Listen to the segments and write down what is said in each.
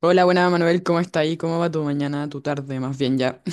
Hola, buena Manuel, ¿cómo está ahí? ¿Cómo va tu mañana, tu tarde, más bien ya?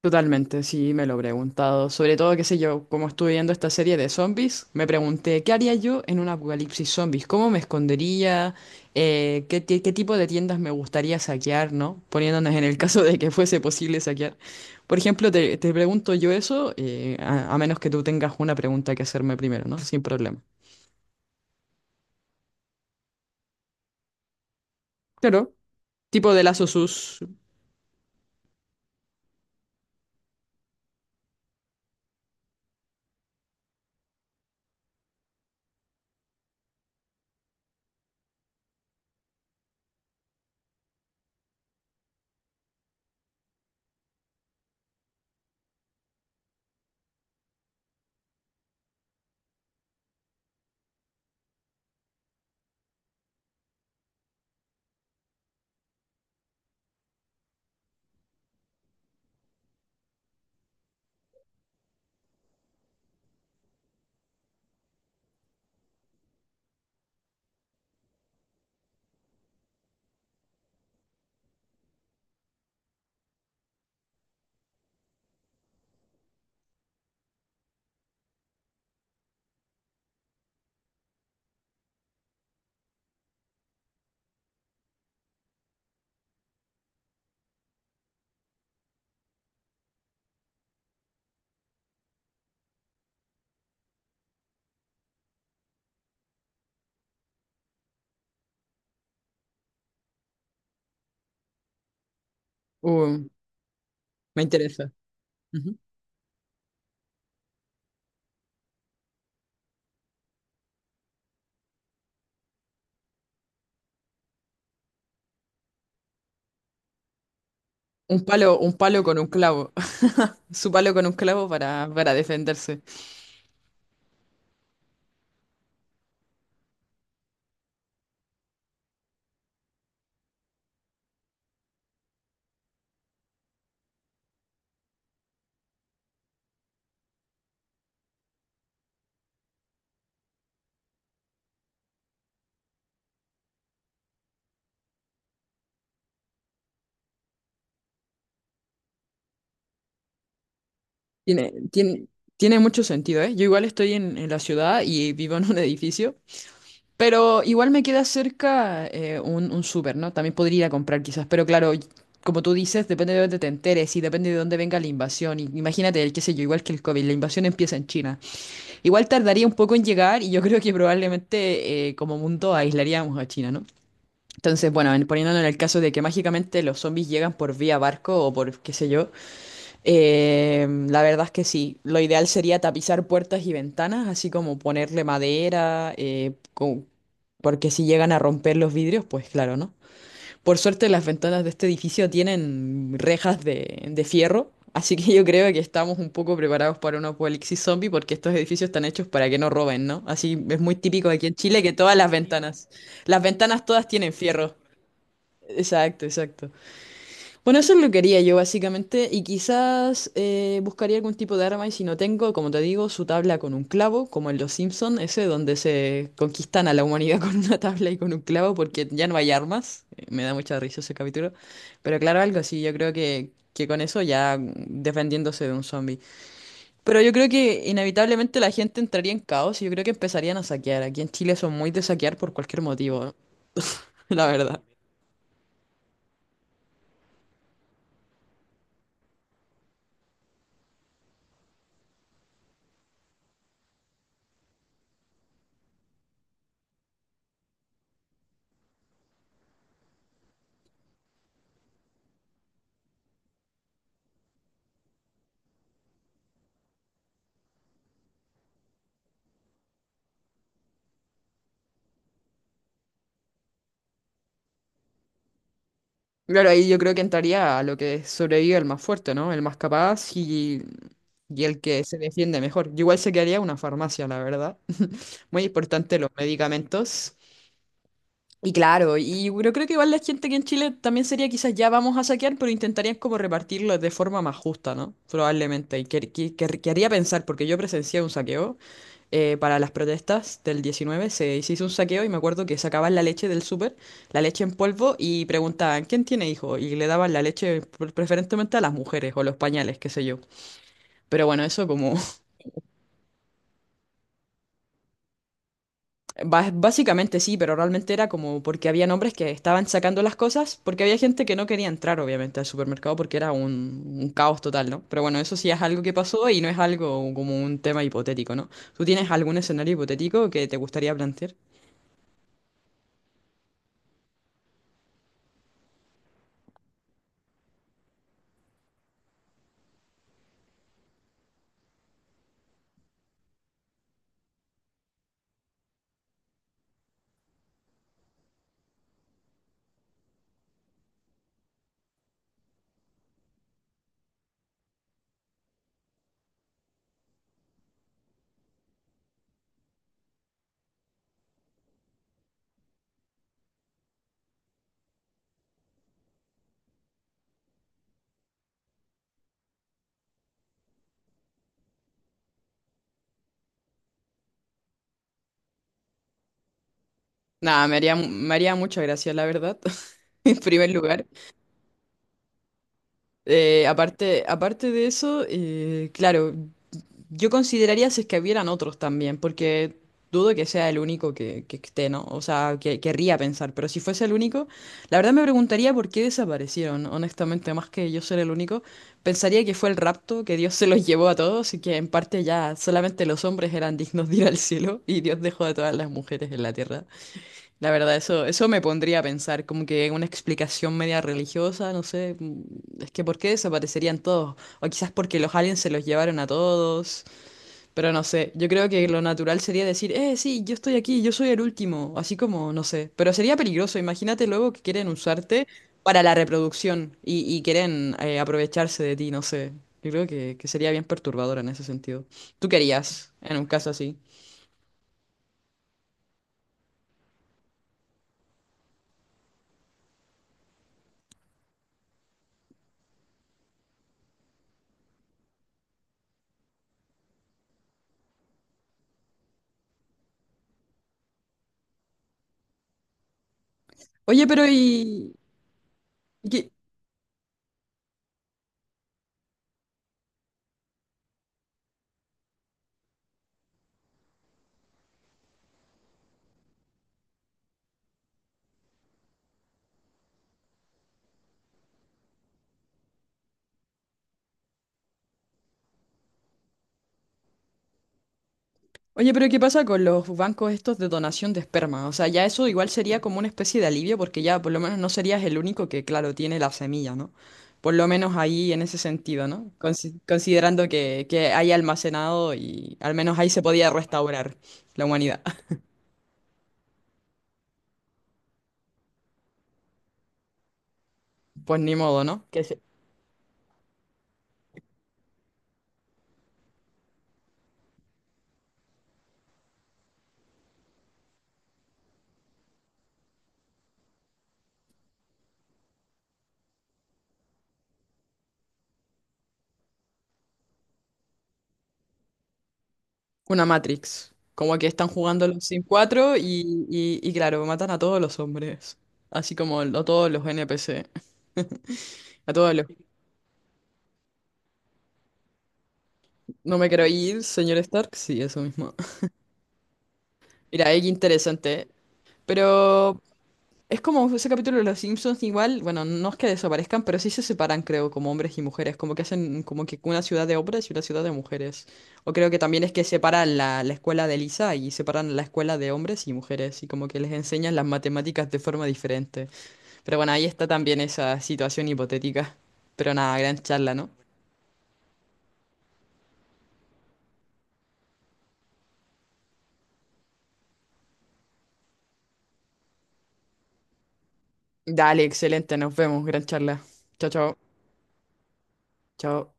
Totalmente, sí, me lo he preguntado. Sobre todo, qué sé yo, como estuve viendo esta serie de zombies, me pregunté, ¿qué haría yo en un apocalipsis zombies? ¿Cómo me escondería? ¿Qué, qué tipo de tiendas me gustaría saquear, ¿no? Poniéndonos en el caso de que fuese posible saquear. Por ejemplo, te pregunto yo eso, a menos que tú tengas una pregunta que hacerme primero, ¿no? Sin problema. Claro, tipo de lazos sus. Uh, me interesa. Un palo con un clavo. Su palo con un clavo para defenderse. Tiene, tiene, tiene mucho sentido, ¿eh? Yo igual estoy en la ciudad y vivo en un edificio, pero igual me queda cerca un súper, ¿no? También podría ir a comprar quizás, pero claro, como tú dices, depende de dónde te enteres y depende de dónde venga la invasión. Y imagínate, el, qué sé yo, igual que el COVID, la invasión empieza en China. Igual tardaría un poco en llegar y yo creo que probablemente como mundo aislaríamos a China, ¿no? Entonces, bueno, poniéndolo en el caso de que mágicamente los zombies llegan por vía barco o por qué sé yo, la verdad es que sí, lo ideal sería tapizar puertas y ventanas, así como ponerle madera, porque si llegan a romper los vidrios, pues claro, ¿no? Por suerte las ventanas de este edificio tienen rejas de fierro, así que yo creo que estamos un poco preparados para un apocalipsis zombie porque estos edificios están hechos para que no roben, ¿no? Así es muy típico aquí en Chile que todas las ventanas todas tienen fierro. Exacto, exacto. Bueno, eso es lo que haría yo básicamente y quizás buscaría algún tipo de arma y si no tengo, como te digo, su tabla con un clavo, como en Los Simpson, ese donde se conquistan a la humanidad con una tabla y con un clavo porque ya no hay armas. Me da mucha risa ese capítulo. Pero claro, algo así, yo creo que con eso ya mm, defendiéndose de un zombie. Pero yo creo que inevitablemente la gente entraría en caos y yo creo que empezarían a saquear. Aquí en Chile son muy de saquear por cualquier motivo, la verdad. Claro, ahí yo creo que entraría a lo que sobrevive el más fuerte, ¿no? El más capaz y el que se defiende mejor. Yo igual se quedaría una farmacia, la verdad. Muy importante los medicamentos. Y claro, y yo creo que igual la gente que en Chile también sería quizás ya vamos a saquear, pero intentarían como repartirlo de forma más justa, ¿no? Probablemente. Y que, que haría pensar, porque yo presencié un saqueo para las protestas del 19 se hizo un saqueo y me acuerdo que sacaban la leche del súper, la leche en polvo y preguntaban, ¿quién tiene hijo? Y le daban la leche preferentemente a las mujeres o los pañales, qué sé yo. Pero bueno, eso como, básicamente sí, pero realmente era como porque había hombres que estaban sacando las cosas, porque había gente que no quería entrar obviamente al supermercado porque era un caos total, ¿no? Pero bueno, eso sí es algo que pasó y no es algo como un tema hipotético, ¿no? ¿Tú tienes algún escenario hipotético que te gustaría plantear? Nada, me haría mucha gracia, la verdad, en primer lugar. Aparte de eso, claro, yo consideraría si es que hubieran otros también, porque dudo que sea el único que esté, ¿no? O sea, que querría pensar, pero si fuese el único, la verdad me preguntaría por qué desaparecieron, honestamente, más que yo ser el único, pensaría que fue el rapto, que Dios se los llevó a todos y que en parte ya solamente los hombres eran dignos de ir al cielo y Dios dejó a todas las mujeres en la tierra. La verdad, eso me pondría a pensar, como que una explicación media religiosa, no sé, mm, es que ¿por qué desaparecerían todos? O quizás porque los aliens se los llevaron a todos, pero no sé, yo creo que lo natural sería decir, sí, yo estoy aquí, yo soy el último, así como, no sé, pero sería peligroso, imagínate luego que quieren usarte para la reproducción y quieren aprovecharse de ti, no sé, yo creo que sería bien perturbador en ese sentido. ¿Tú querías en un caso así? Oye, pero ¿y... ¿Qué, oye, pero ¿qué pasa con los bancos estos de donación de esperma? O sea, ya eso igual sería como una especie de alivio porque ya por lo menos no serías el único que, claro, tiene la semilla, ¿no? Por lo menos ahí en ese sentido, ¿no? Considerando que hay almacenado y al menos ahí se podía restaurar la humanidad. Pues ni modo, ¿no? Que se- Una Matrix. Como que están jugando los Sims 4 y, y claro, matan a todos los hombres. Así como a todos los NPC. A todos los... No me quiero ir, señor Stark. Sí, eso mismo. Mira, es interesante, ¿eh? Pero es como ese capítulo de Los Simpsons, igual, bueno, no es que desaparezcan, pero sí se separan, creo, como hombres y mujeres, como que hacen como que una ciudad de hombres y una ciudad de mujeres. O creo que también es que separan la, la escuela de Lisa y separan la escuela de hombres y mujeres, y como que les enseñan las matemáticas de forma diferente. Pero bueno, ahí está también esa situación hipotética. Pero nada, gran charla, ¿no? Dale, excelente, nos vemos, gran charla. Chao, chao, chao.